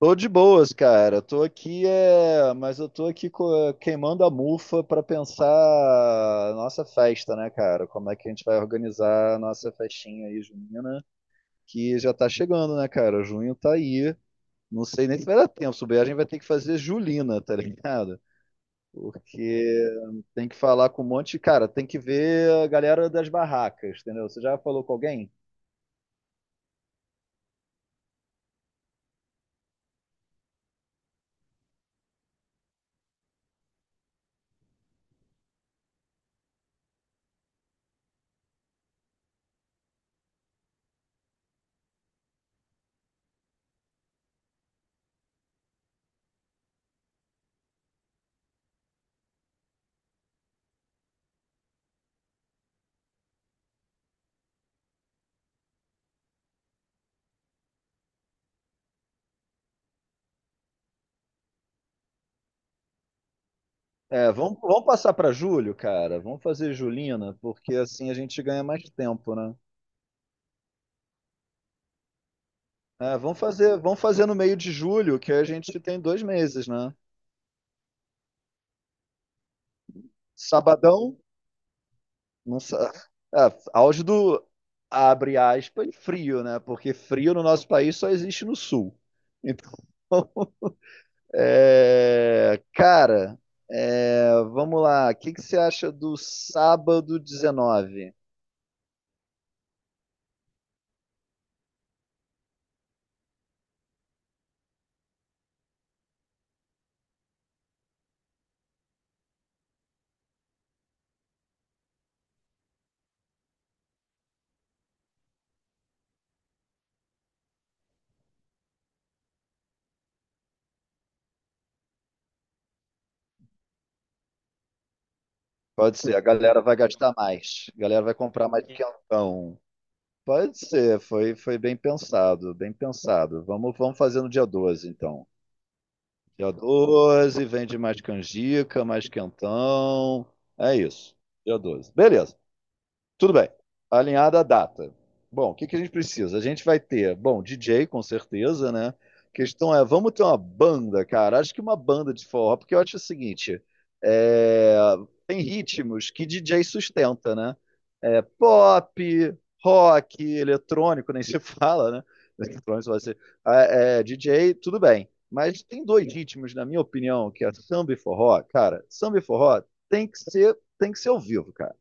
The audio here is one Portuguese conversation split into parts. Tô de boas, cara. Tô aqui, mas eu tô aqui queimando a mufa pra pensar a nossa festa, né, cara? Como é que a gente vai organizar a nossa festinha aí, junina, que já tá chegando, né, cara? Junho tá aí. Não sei nem se vai dar tempo. Se bobear, a gente vai ter que fazer julina, tá ligado? Porque tem que falar com um monte de... Cara, tem que ver a galera das barracas, entendeu? Você já falou com alguém? É, vamos passar pra julho, cara. Vamos fazer julina, porque assim a gente ganha mais tempo, né? É, vamos fazer no meio de julho, que a gente tem 2 meses, né? Sabadão, não sa- é, auge do, abre aspas, frio, né? Porque frio no nosso país só existe no sul. Então, cara, vamos lá. O que que você acha do sábado 19? Pode ser, a galera vai gastar mais. A galera vai comprar mais quentão. Pode ser, foi bem pensado, bem pensado. Vamos fazer no dia 12 então. Dia 12, vende mais canjica, mais quentão. É isso. Dia 12, beleza. Tudo bem. Alinhada a data. Bom, o que que a gente precisa? A gente vai ter, bom, DJ com certeza, né? A questão é, vamos ter uma banda, cara. Acho que uma banda de forró, porque eu acho o seguinte, é, tem ritmos que DJ sustenta, né? É, pop, rock, eletrônico, nem se fala, né? Eletrônico vai ser DJ, tudo bem. Mas tem dois ritmos, na minha opinião, que é samba e forró, cara. Samba e forró tem que ser ao vivo, cara.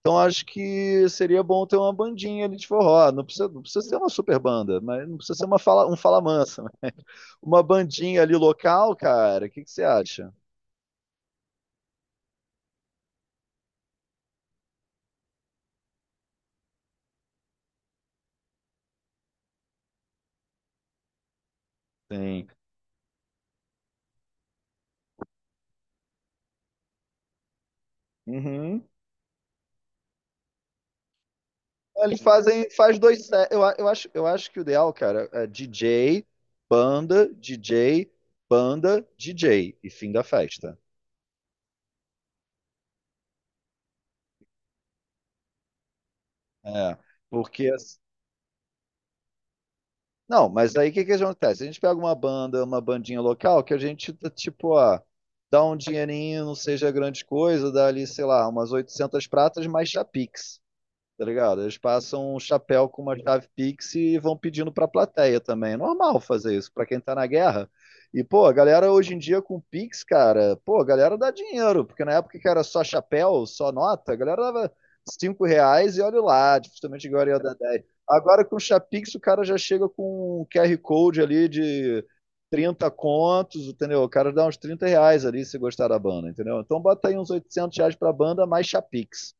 Então acho que seria bom ter uma bandinha ali de forró. Não precisa ser uma super banda, mas não precisa ser um fala mansa, né? Uma bandinha ali local, cara, o que que você acha? Tem. Uhum. Eles faz 2 sets. Eu acho que o ideal, cara, é DJ, banda, DJ, banda, DJ e fim da festa. É, porque Não, mas aí o que que acontece? A gente pega uma banda, uma bandinha local que a gente, tá, tipo, ó, dá um dinheirinho, não seja grande coisa, dá ali, sei lá, umas 800 pratas mais chapix, tá ligado? Eles passam um chapéu com uma chave Pix e vão pedindo pra plateia também. É normal fazer isso pra quem tá na guerra. E, pô, a galera hoje em dia com Pix, cara, pô, a galera dá dinheiro, porque na época que era só chapéu, só nota, a galera dava R$ 5 e olha lá, dificilmente agora ia dar 10. Agora com o Chapix o cara já chega com um QR Code ali de 30 contos, entendeu? O cara dá uns R$ 30 ali se gostar da banda, entendeu? Então bota aí uns R$ 800 pra banda mais Chapix.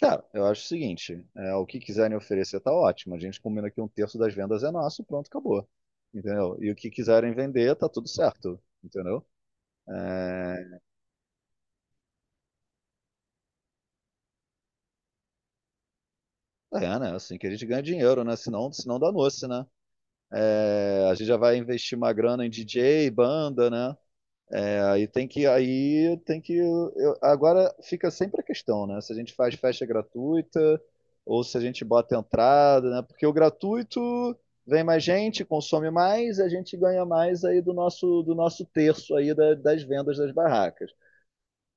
Cara, eu acho o seguinte, o que quiserem oferecer tá ótimo. A gente combina que um terço das vendas é nosso, pronto, acabou. Entendeu? E o que quiserem vender, tá tudo certo. Entendeu? É, né? Assim que a gente ganha dinheiro, né? Senão dá noce, né? É, a gente já vai investir uma grana em DJ, banda, né? Aí tem que, eu- agora fica sempre a questão, né? Se a gente faz festa gratuita ou se a gente bota entrada, né? Porque o gratuito vem mais gente, consome mais, a gente ganha mais aí do nosso terço aí das vendas das barracas.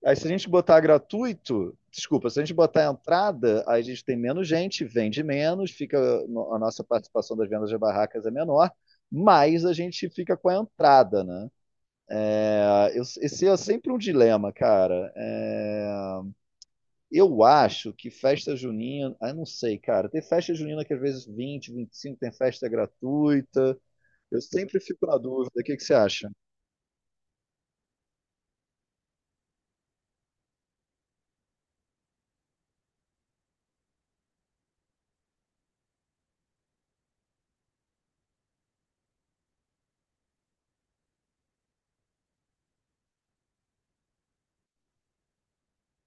Aí se a gente botar gratuito, desculpa, se a gente botar entrada, aí a gente tem menos gente, vende menos, fica a nossa participação das vendas das barracas é menor, mas a gente fica com a entrada, né? Esse é sempre um dilema, cara. Eu acho que festa junina, ah, eu não sei, cara. Tem festa junina que às vezes vinte, vinte e cinco tem festa gratuita. Eu sempre fico na dúvida. O que que você acha?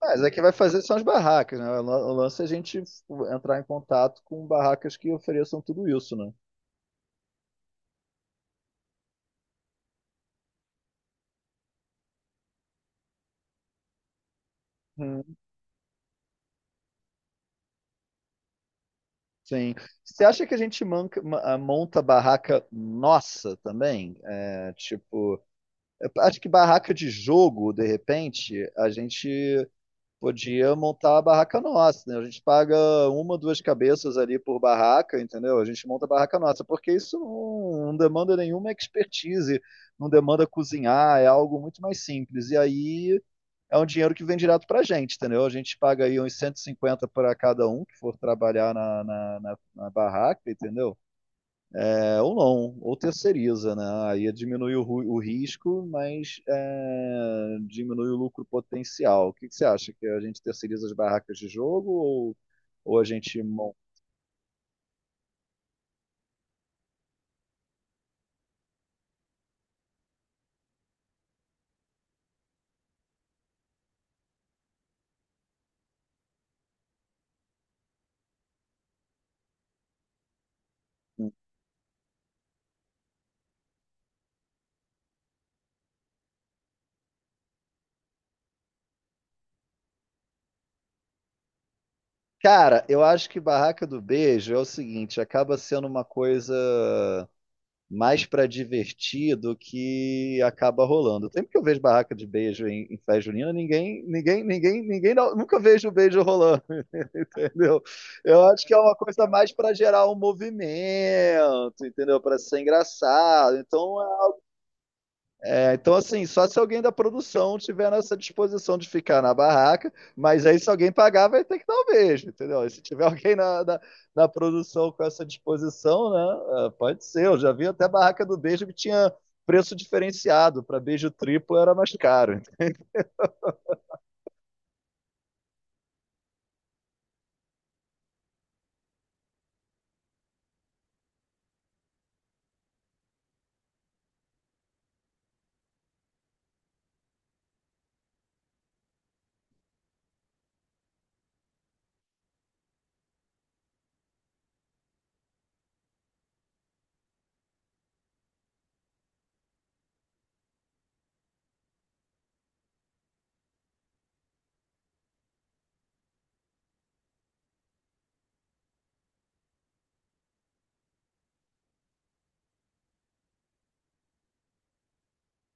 Mas é que vai fazer são as barracas, né? O lance é a gente entrar em contato com barracas que ofereçam tudo isso, né? Hum, sim. Você acha que a gente monta barraca nossa também? É, tipo, eu acho que barraca de jogo, de repente, a gente podia montar a barraca nossa, né? A gente paga uma, duas cabeças ali por barraca, entendeu? A gente monta a barraca nossa, porque isso não demanda nenhuma expertise, não demanda cozinhar, é algo muito mais simples. E aí é um dinheiro que vem direto pra gente, entendeu? A gente paga aí uns 150 para cada um que for trabalhar na barraca, entendeu? É, ou não, ou terceiriza, né? Aí diminui o risco, mas é, diminui o lucro potencial. O que, que você acha? Que a gente terceiriza as barracas de jogo ou a gente monta? Um? Cara, eu acho que barraca do beijo é o seguinte, acaba sendo uma coisa mais para divertir do que acaba rolando. Sempre que eu vejo barraca de beijo em festa junina, ninguém, ninguém, ninguém, ninguém, nunca vejo o beijo rolando, entendeu? Eu acho que é uma coisa mais para gerar um movimento, entendeu? Para ser engraçado. Então, então, assim, só se alguém da produção tiver nessa disposição de ficar na barraca, mas aí se alguém pagar, vai ter que dar um beijo, entendeu? E se tiver alguém na produção com essa disposição, né? Pode ser. Eu já vi até a barraca do beijo que tinha preço diferenciado. Para beijo triplo era mais caro.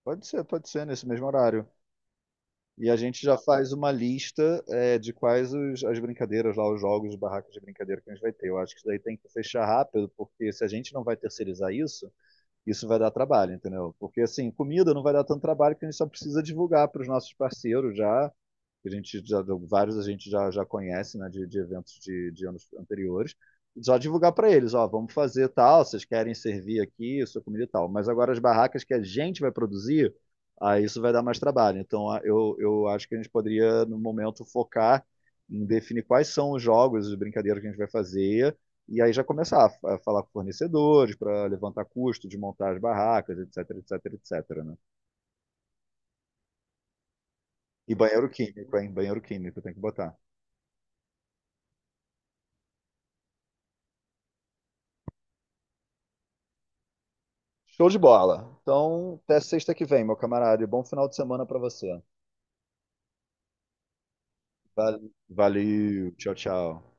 Pode ser nesse mesmo horário. E a gente já faz uma lista de quais as brincadeiras lá, os jogos de barracas de brincadeira que a gente vai ter. Eu acho que isso daí tem que fechar rápido, porque se a gente não vai terceirizar isso, isso vai dar trabalho, entendeu? Porque assim, comida não vai dar tanto trabalho que a gente só precisa divulgar para os nossos parceiros, já que a gente já, vários a gente já conhece, né, de eventos de anos anteriores, só divulgar para eles, ó, vamos fazer tal, vocês querem servir aqui, sua comida e tal. Mas agora as barracas que a gente vai produzir, aí isso vai dar mais trabalho. Então eu acho que a gente poderia, no momento, focar em definir quais são os jogos, as brincadeiras que a gente vai fazer, e aí já começar a falar com fornecedores para levantar custo de montar as barracas, etc, etc, etc, né? E banheiro químico, hein? Banheiro químico tem que botar. Show de bola. Então, até sexta que vem, meu camarada. E bom final de semana para você. Valeu. Tchau, tchau.